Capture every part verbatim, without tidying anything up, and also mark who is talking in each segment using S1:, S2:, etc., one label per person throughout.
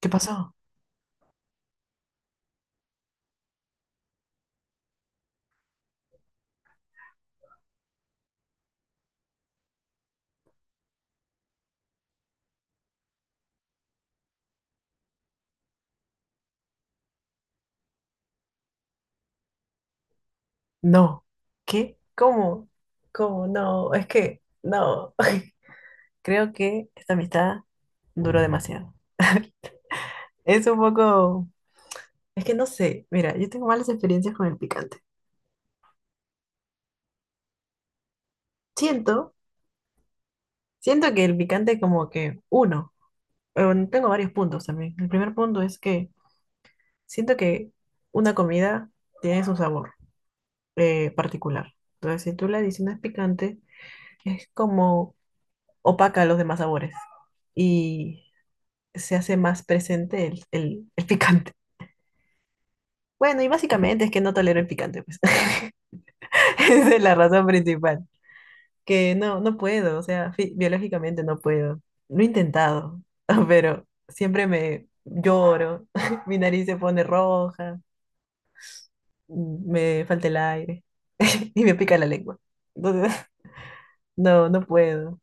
S1: ¿Qué pasó? No. ¿Qué? ¿Cómo? ¿Cómo? No, es que no. Creo que esta amistad duró demasiado. Es un poco, es que no sé, mira, yo tengo malas experiencias con el picante. Siento, siento que el picante como que uno, eh, tengo varios puntos también. El primer punto es que siento que una comida tiene su sabor eh, particular. Entonces, si tú le adicionas picante, es como opaca los demás sabores y se hace más presente el, el, el picante. Bueno, y básicamente es que no tolero el picante, pues. Esa es la razón principal. Que no, no puedo, o sea, fi- biológicamente no puedo. Lo he intentado, pero siempre me lloro, mi nariz se pone roja, me falta el aire y me pica la lengua. Entonces, no, no puedo.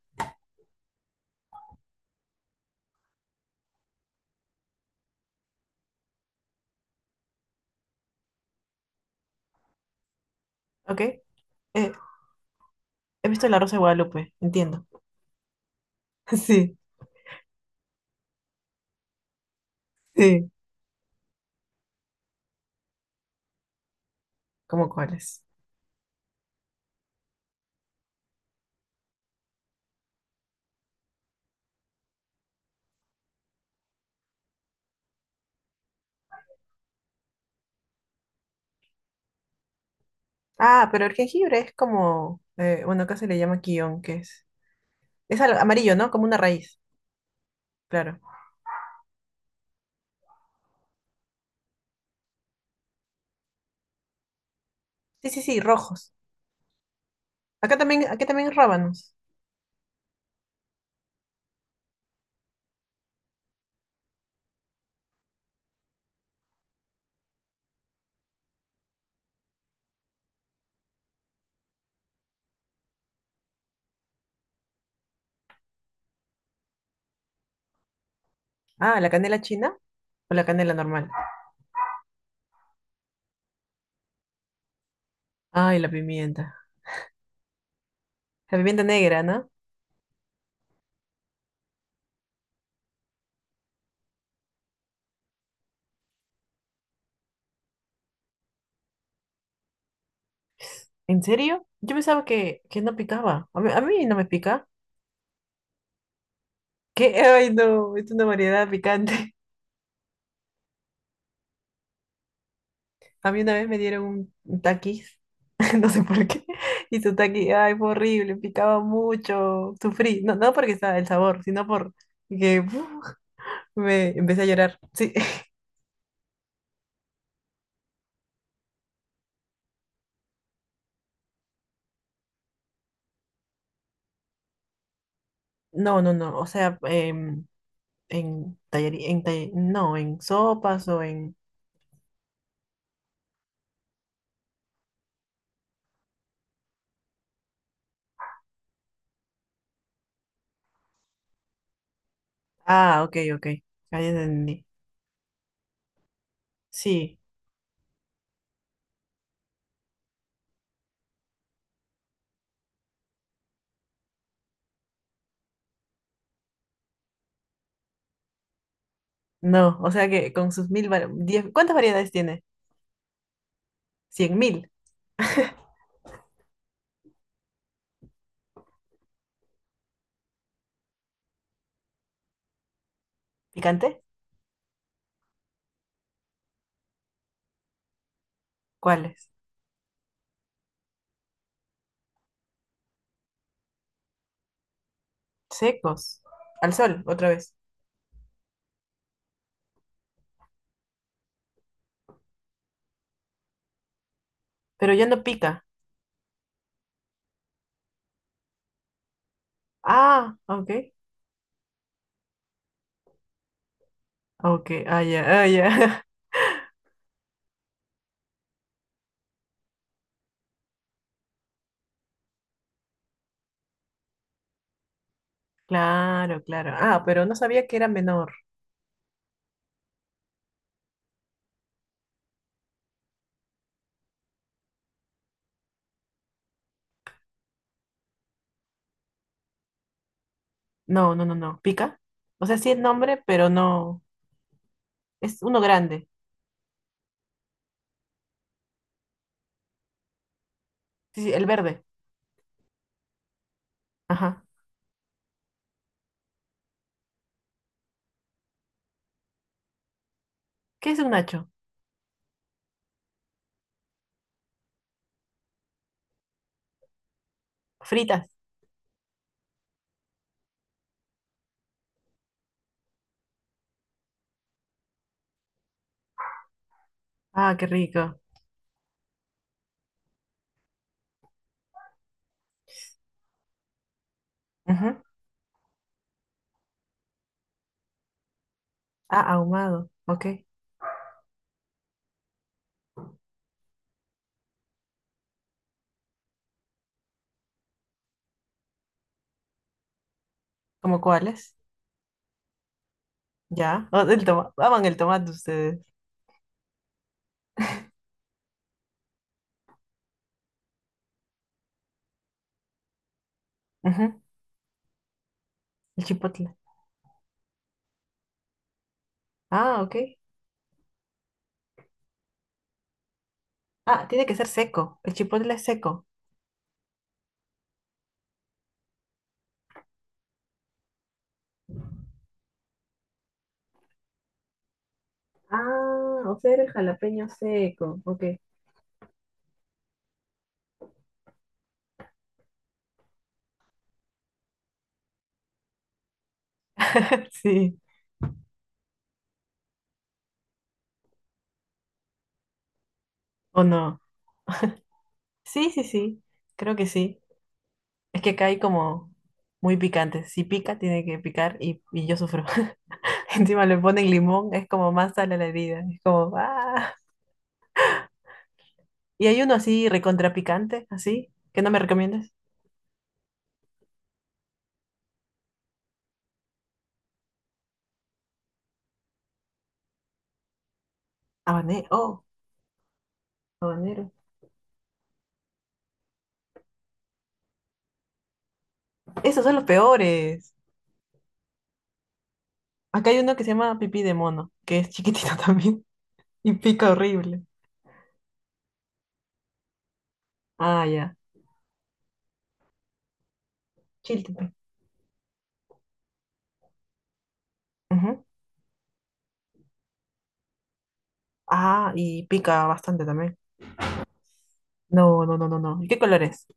S1: ¿Ok? Eh, he visto La Rosa de Guadalupe, entiendo. Sí, sí. ¿Cómo cuáles? Ah, pero el jengibre es como, eh, bueno, acá se le llama quillón, que es, es al- amarillo, ¿no? Como una raíz, claro. Sí, sí, sí, rojos. Acá también, acá también es rábanos. Ah, la canela china o la canela normal. Ay, la pimienta. La pimienta negra, ¿no? ¿En serio? Yo pensaba que, que no picaba. A mí, a mí no me pica. ¿Qué? Ay, no, es una variedad picante. A mí una vez me dieron un, un taquis, no sé por qué, y su taquis, ay, fue horrible, picaba mucho, sufrí, no, no porque estaba el sabor, sino por que me empecé a llorar. Sí, no, no, no, o sea, em, en tallería, en talle- no, en sopas o en. Ah, ok, ok. Ahí entendí. Sí, no, o sea que con sus mil. var- diez- ¿Cuántas variedades tiene? ¿Cien mil? ¿Picante? ¿Cuáles? Secos. Al sol, otra vez. Pero ya no pica. Ah, ok. Ok, ah, ya, ah, ya. Claro, claro. Ah, pero no sabía que era menor. No, no, no, no. ¿Pica? O sea, sí es nombre, pero no. Es uno grande. Sí, sí, el verde. Ajá. ¿Qué es un nacho? Fritas. Ah, qué rico. Ujú. Ah, ahumado. Ok. ¿Cómo cuáles? Ya. Oh, el toma- aman el tomate ustedes. Ujú. El chipotle. Ah, ok. Ah, tiene que ser seco. El chipotle es seco. Ah, o sea, era el jalapeño seco. Ok. Sí. ¿O no? Sí, sí, sí. Creo que sí. Es que acá hay como muy picante. Si pica, tiene que picar y, y yo sufro. Encima le ponen limón. Es como más sal a la herida. Es como ¡ah! Y hay uno así recontrapicante, así, que no me recomiendas. Habanero. Oh, habanero. Esos son los peores. Acá hay uno que se llama pipí de mono, que es chiquitito también y pica horrible. Ah, ya. Chiltepín. Ujú. Ah, y pica bastante también. No, no, no, no, no. ¿Y qué color es?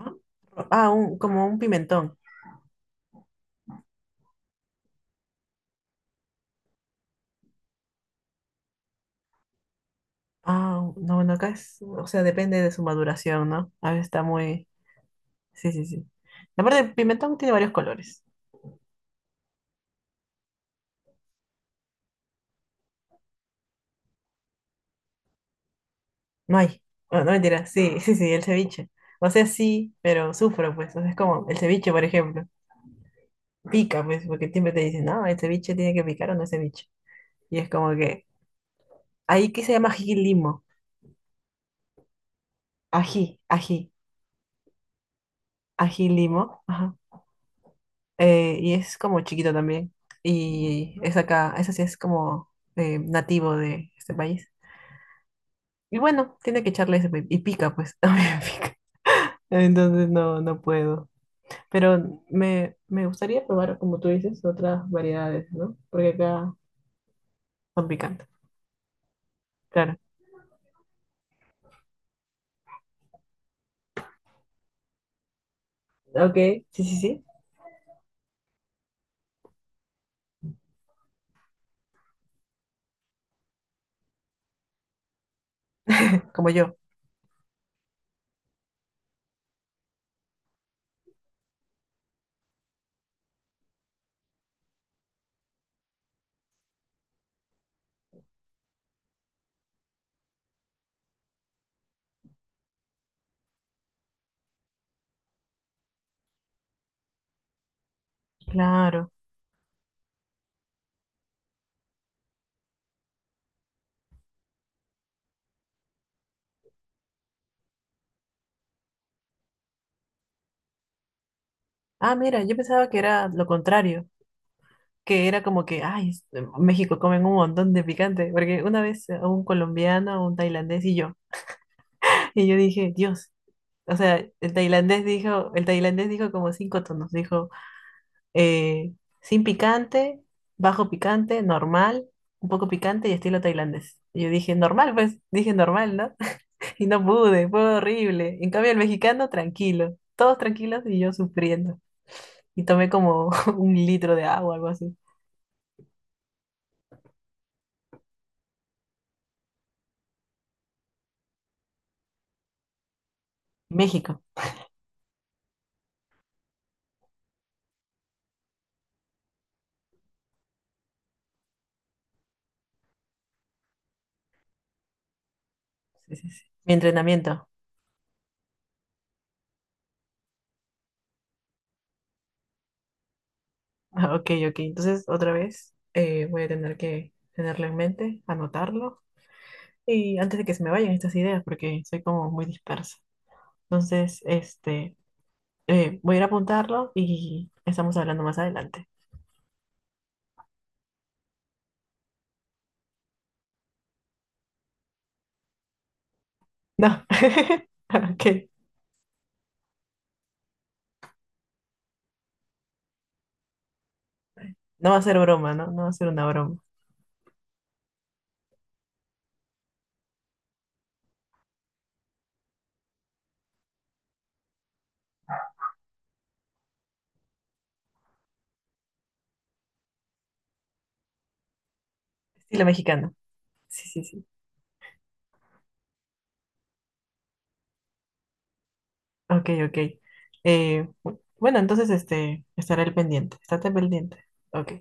S1: Ah, ah, un, como un pimentón. Ah, no, bueno, acá es, o sea, depende de su maduración, ¿no? A veces está muy. Sí, sí, sí. La parte del pimentón tiene varios colores. No hay. Bueno, no mentira, sí, sí, sí, el ceviche. O sea, sí, pero sufro, pues. O sea, es como el ceviche, por ejemplo. Pica, pues, porque siempre te dicen, no, el ceviche tiene que picar o no es ceviche. Y es como que, ahí que se llama ají limo. Ají, ají, ají limo. Ajá. Eh, y es como chiquito también. Y es acá, eso sí es como eh, nativo de este país. Y bueno, tiene que echarle ese, pe- y pica, pues, también pica. Entonces no, no puedo. Pero me, me gustaría probar, como tú dices, otras variedades, ¿no? Porque acá son picantes. Claro. Ok, sí, sí, sí. Como yo. Claro. Ah, mira, yo pensaba que era lo contrario. Que era como que, ay, es- en México comen un montón de picante. Porque una vez a un colombiano, un tailandés y yo. Y yo dije, Dios. O sea, el tailandés dijo, el tailandés dijo como cinco tonos. Dijo. eh, sin picante, bajo picante, normal, un poco picante y estilo tailandés. Y yo dije, normal, pues, dije normal, ¿no? Y no pude, fue horrible. En cambio, el mexicano, tranquilo, todos tranquilos y yo sufriendo. Y tomé como un litro de agua, algo así. México, sí, sí, sí. Mi entrenamiento. Ah, ok, ok. Entonces, otra vez, eh, voy a tener que tenerlo en mente, anotarlo. Y antes de que se me vayan estas ideas, porque soy como muy dispersa. Entonces, este. Eh, voy a ir a apuntarlo y estamos hablando más adelante. No, ok. No va a ser broma, ¿no? No va a ser una broma. Estilo mexicano. Sí, sí, sí. Ok, ok. Eh, bu- bueno, entonces este, estaré al pendiente. Estate pendiente. Ok.